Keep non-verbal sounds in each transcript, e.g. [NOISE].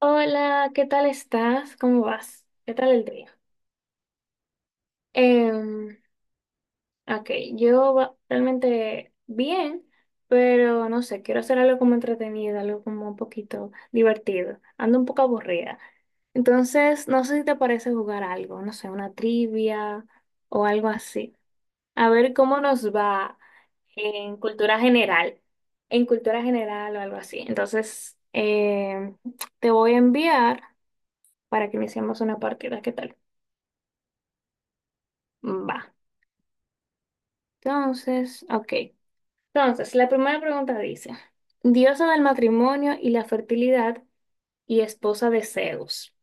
Hola, ¿qué tal estás? ¿Cómo vas? ¿Qué tal el día? Em, ok, realmente bien, pero no sé, quiero hacer algo como entretenido, algo como un poquito divertido. Ando un poco aburrida. Entonces, no sé si te parece jugar algo, no sé, una trivia o algo así. A ver cómo nos va en cultura general, en cultura general o algo así. Entonces, te voy a enviar para que iniciemos una partida. ¿Qué tal? Va. Entonces, ok. Entonces, la primera pregunta dice, diosa del matrimonio y la fertilidad y esposa de Zeus.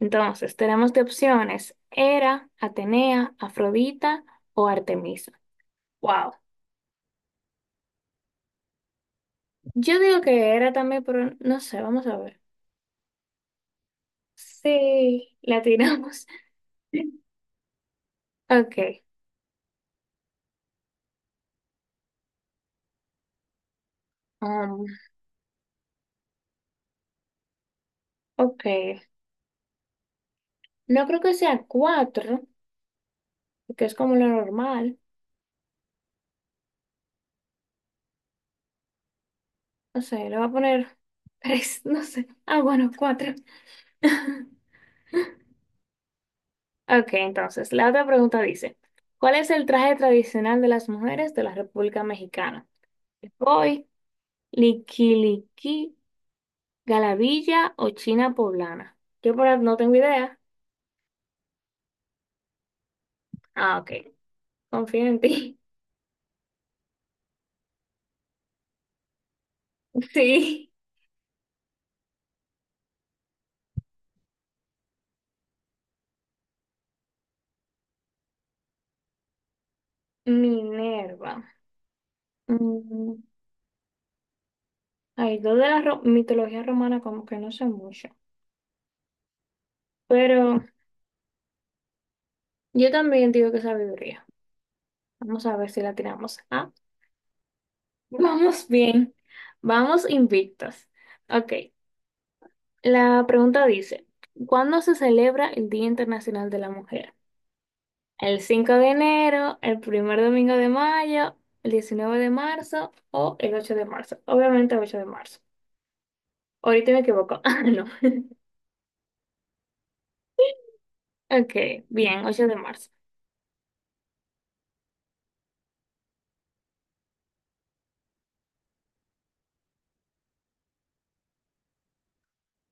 Entonces, tenemos de opciones Hera, Atenea, Afrodita o Artemisa. Wow. Yo digo que Hera también, pero no sé, vamos a ver. Sí, la tiramos. [LAUGHS] Ok. um, ok. No creo que sea cuatro, que es como lo normal. No sé, le voy a poner tres, [LAUGHS] no sé. Ah, bueno, cuatro. Ok, entonces, la otra pregunta dice, ¿cuál es el traje tradicional de las mujeres de la República Mexicana? ¿Hoy, liquiliqui, galavilla o china poblana? Yo por ahí no tengo idea. Ah, ok, confío en ti. [LAUGHS] Sí, Minerva. Mm, ay, dos de la ro- mitología romana como que no sé mucho, pero yo también digo que sabiduría. Vamos a ver si la tiramos. Ah, [LAUGHS] vamos bien, vamos invictos. Ok. La pregunta dice, ¿cuándo se celebra el Día Internacional de la Mujer? ¿El 5 de enero, el primer domingo de mayo, el 19 de marzo o el 8 de marzo? Obviamente el 8 de marzo. Ahorita me equivoco. [LAUGHS] Ah, no. Ok, bien, 8 de marzo.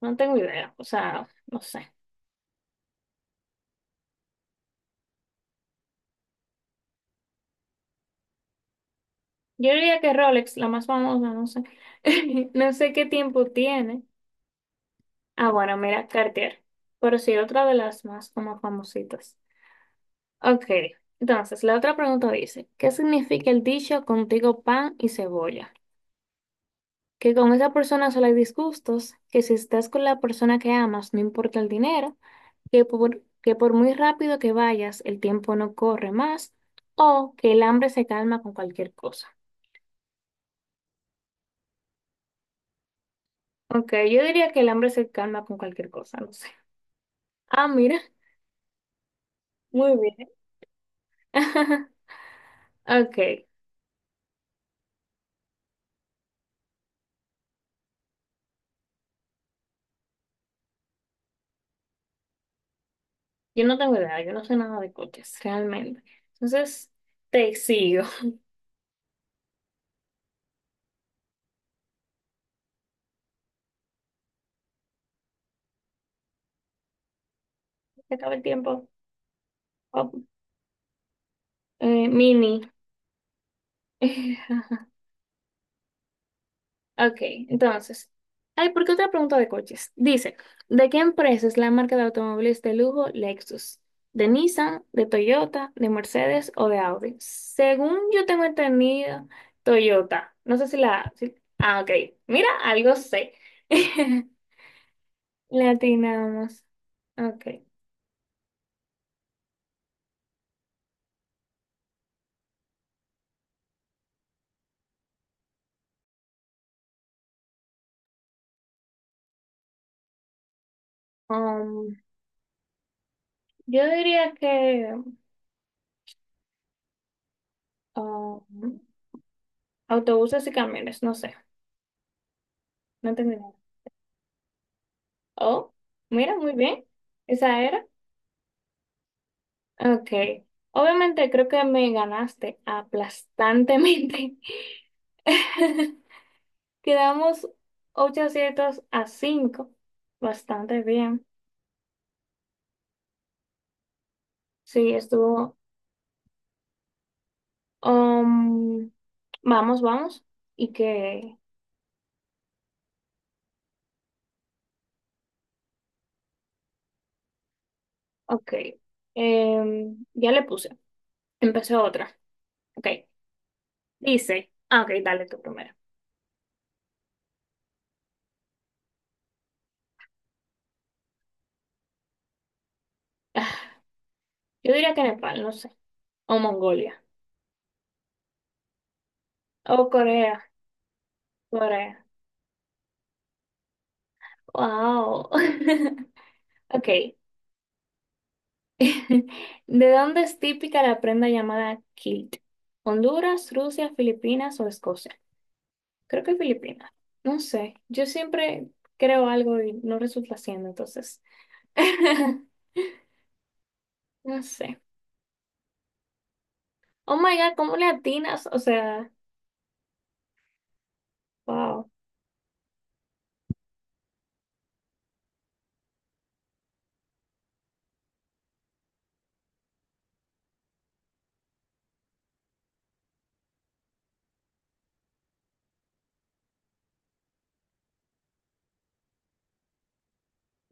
No tengo idea, o sea, no sé. Yo diría que Rolex, la más famosa, no sé. [LAUGHS] No sé qué tiempo tiene. Ah, bueno, mira, Cartier. Pero sí, otra de las más como famositas. Ok, entonces la otra pregunta dice, ¿qué significa el dicho contigo pan y cebolla? Que con esa persona solo hay disgustos, que si estás con la persona que amas no importa el dinero, que por muy rápido que vayas el tiempo no corre más, o que el hambre se calma con cualquier cosa. Ok, yo diría que el hambre se calma con cualquier cosa, no sé. Ah, mira, muy bien. [LAUGHS] Ok, yo no tengo idea, yo no sé nada de coches, realmente. Entonces, te sigo. [LAUGHS] Se acaba el tiempo. Oh, mini. [LAUGHS] Ok, entonces. Ay, ¿por qué otra pregunta de coches? Dice, ¿de qué empresa es la marca de automóviles de lujo Lexus? ¿De Nissan, de Toyota, de Mercedes o de Audi? Según yo tengo entendido, Toyota. No sé si la... si- Ah, ok. Mira, algo sé. [LAUGHS] Latinamos. Ok. Um, yo diría que um, autobuses y camiones, no sé. No entendí. Oh, mira, muy bien. Esa era. Ok. Obviamente creo que me ganaste aplastantemente. [LAUGHS] Quedamos 8 aciertos a cinco. Bastante bien. Sí, estuvo. Um, vamos, vamos. Y que. Ok. Ya le puse. Empecé otra. Ok. Dice. Ah, ok, dale tú primero. Ah, yo diría que Nepal, no sé. O Mongolia. O Corea. Corea. Wow. [LAUGHS] Ok. [LAUGHS] ¿De dónde es típica la prenda llamada kilt? ¿Honduras, Rusia, Filipinas o Escocia? Creo que Filipinas. No sé. Yo siempre creo algo y no resulta siendo, entonces. [LAUGHS] No sé. Oh my God, ¿cómo le atinas? O sea, wow.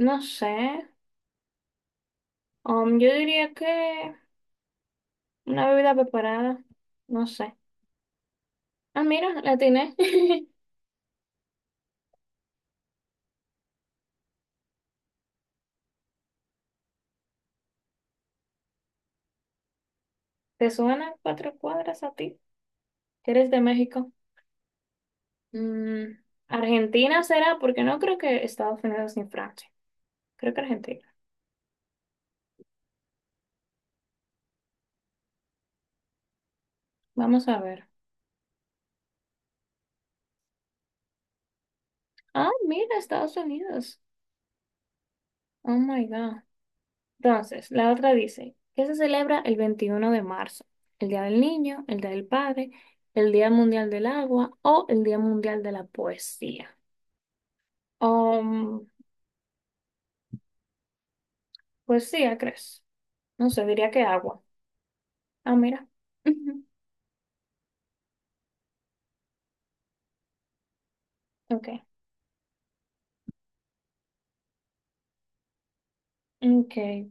No sé. Yo diría que una bebida preparada. No sé. Ah, mira, la atiné. [LAUGHS] ¿Te suena cuatro cuadras a ti? ¿Que eres de México? Mm, Argentina será, porque no creo que Estados Unidos ni Francia. Creo que Argentina. Vamos a ver. Ah, mira, Estados Unidos. Oh my God. Entonces, la otra dice, ¿qué se celebra el 21 de marzo? ¿El Día del Niño, el Día del Padre, el Día Mundial del Agua o el Día Mundial de la Poesía? Um, ¿Poesía, crees? No sé, diría que agua. Ah, mira. [LAUGHS] Ujú. Ok. Ok.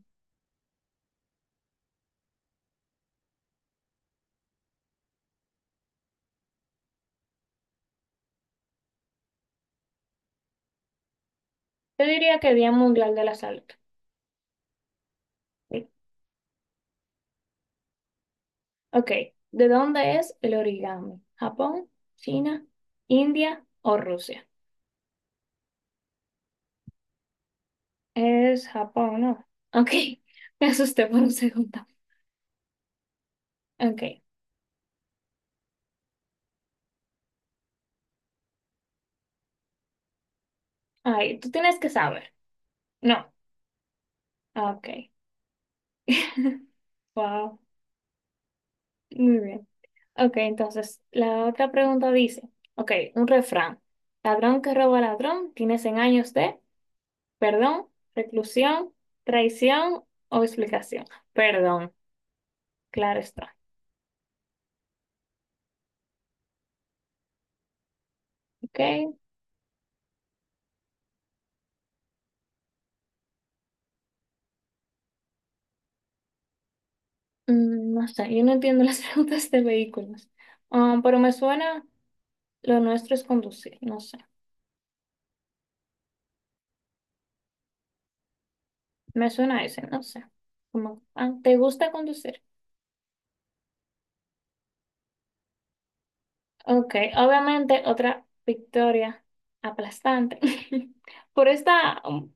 Yo diría que Día Mundial de la Salud. Sí. Ok, ¿de dónde es el origami? ¿Japón, China, India o Rusia? Es Japón, ¿no? Ok, [LAUGHS] me asusté por un segundo. Ok, ay, tú tienes que saber. No, ok. [LAUGHS] Wow, muy bien. Ok, entonces la otra pregunta dice, ok, un refrán. Ladrón que roba a ladrón, tiene 100 años de perdón, reclusión, traición o explicación. Perdón, claro está. Ok. Mm, no sé, yo no entiendo las [LAUGHS] preguntas de vehículos. Ah, pero me suena, lo nuestro es conducir, no sé. Me suena ese, no sé. Como, ah, ¿te gusta conducir? Ok, obviamente otra victoria aplastante. [LAUGHS] Por esta,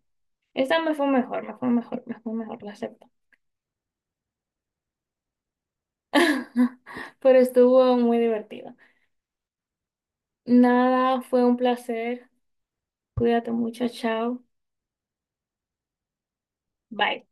esta me fue mejor, me fue mejor, me fue mejor, la acepto. [LAUGHS] Pero estuvo muy divertido. Nada, fue un placer. Cuídate mucho, chao. Bye.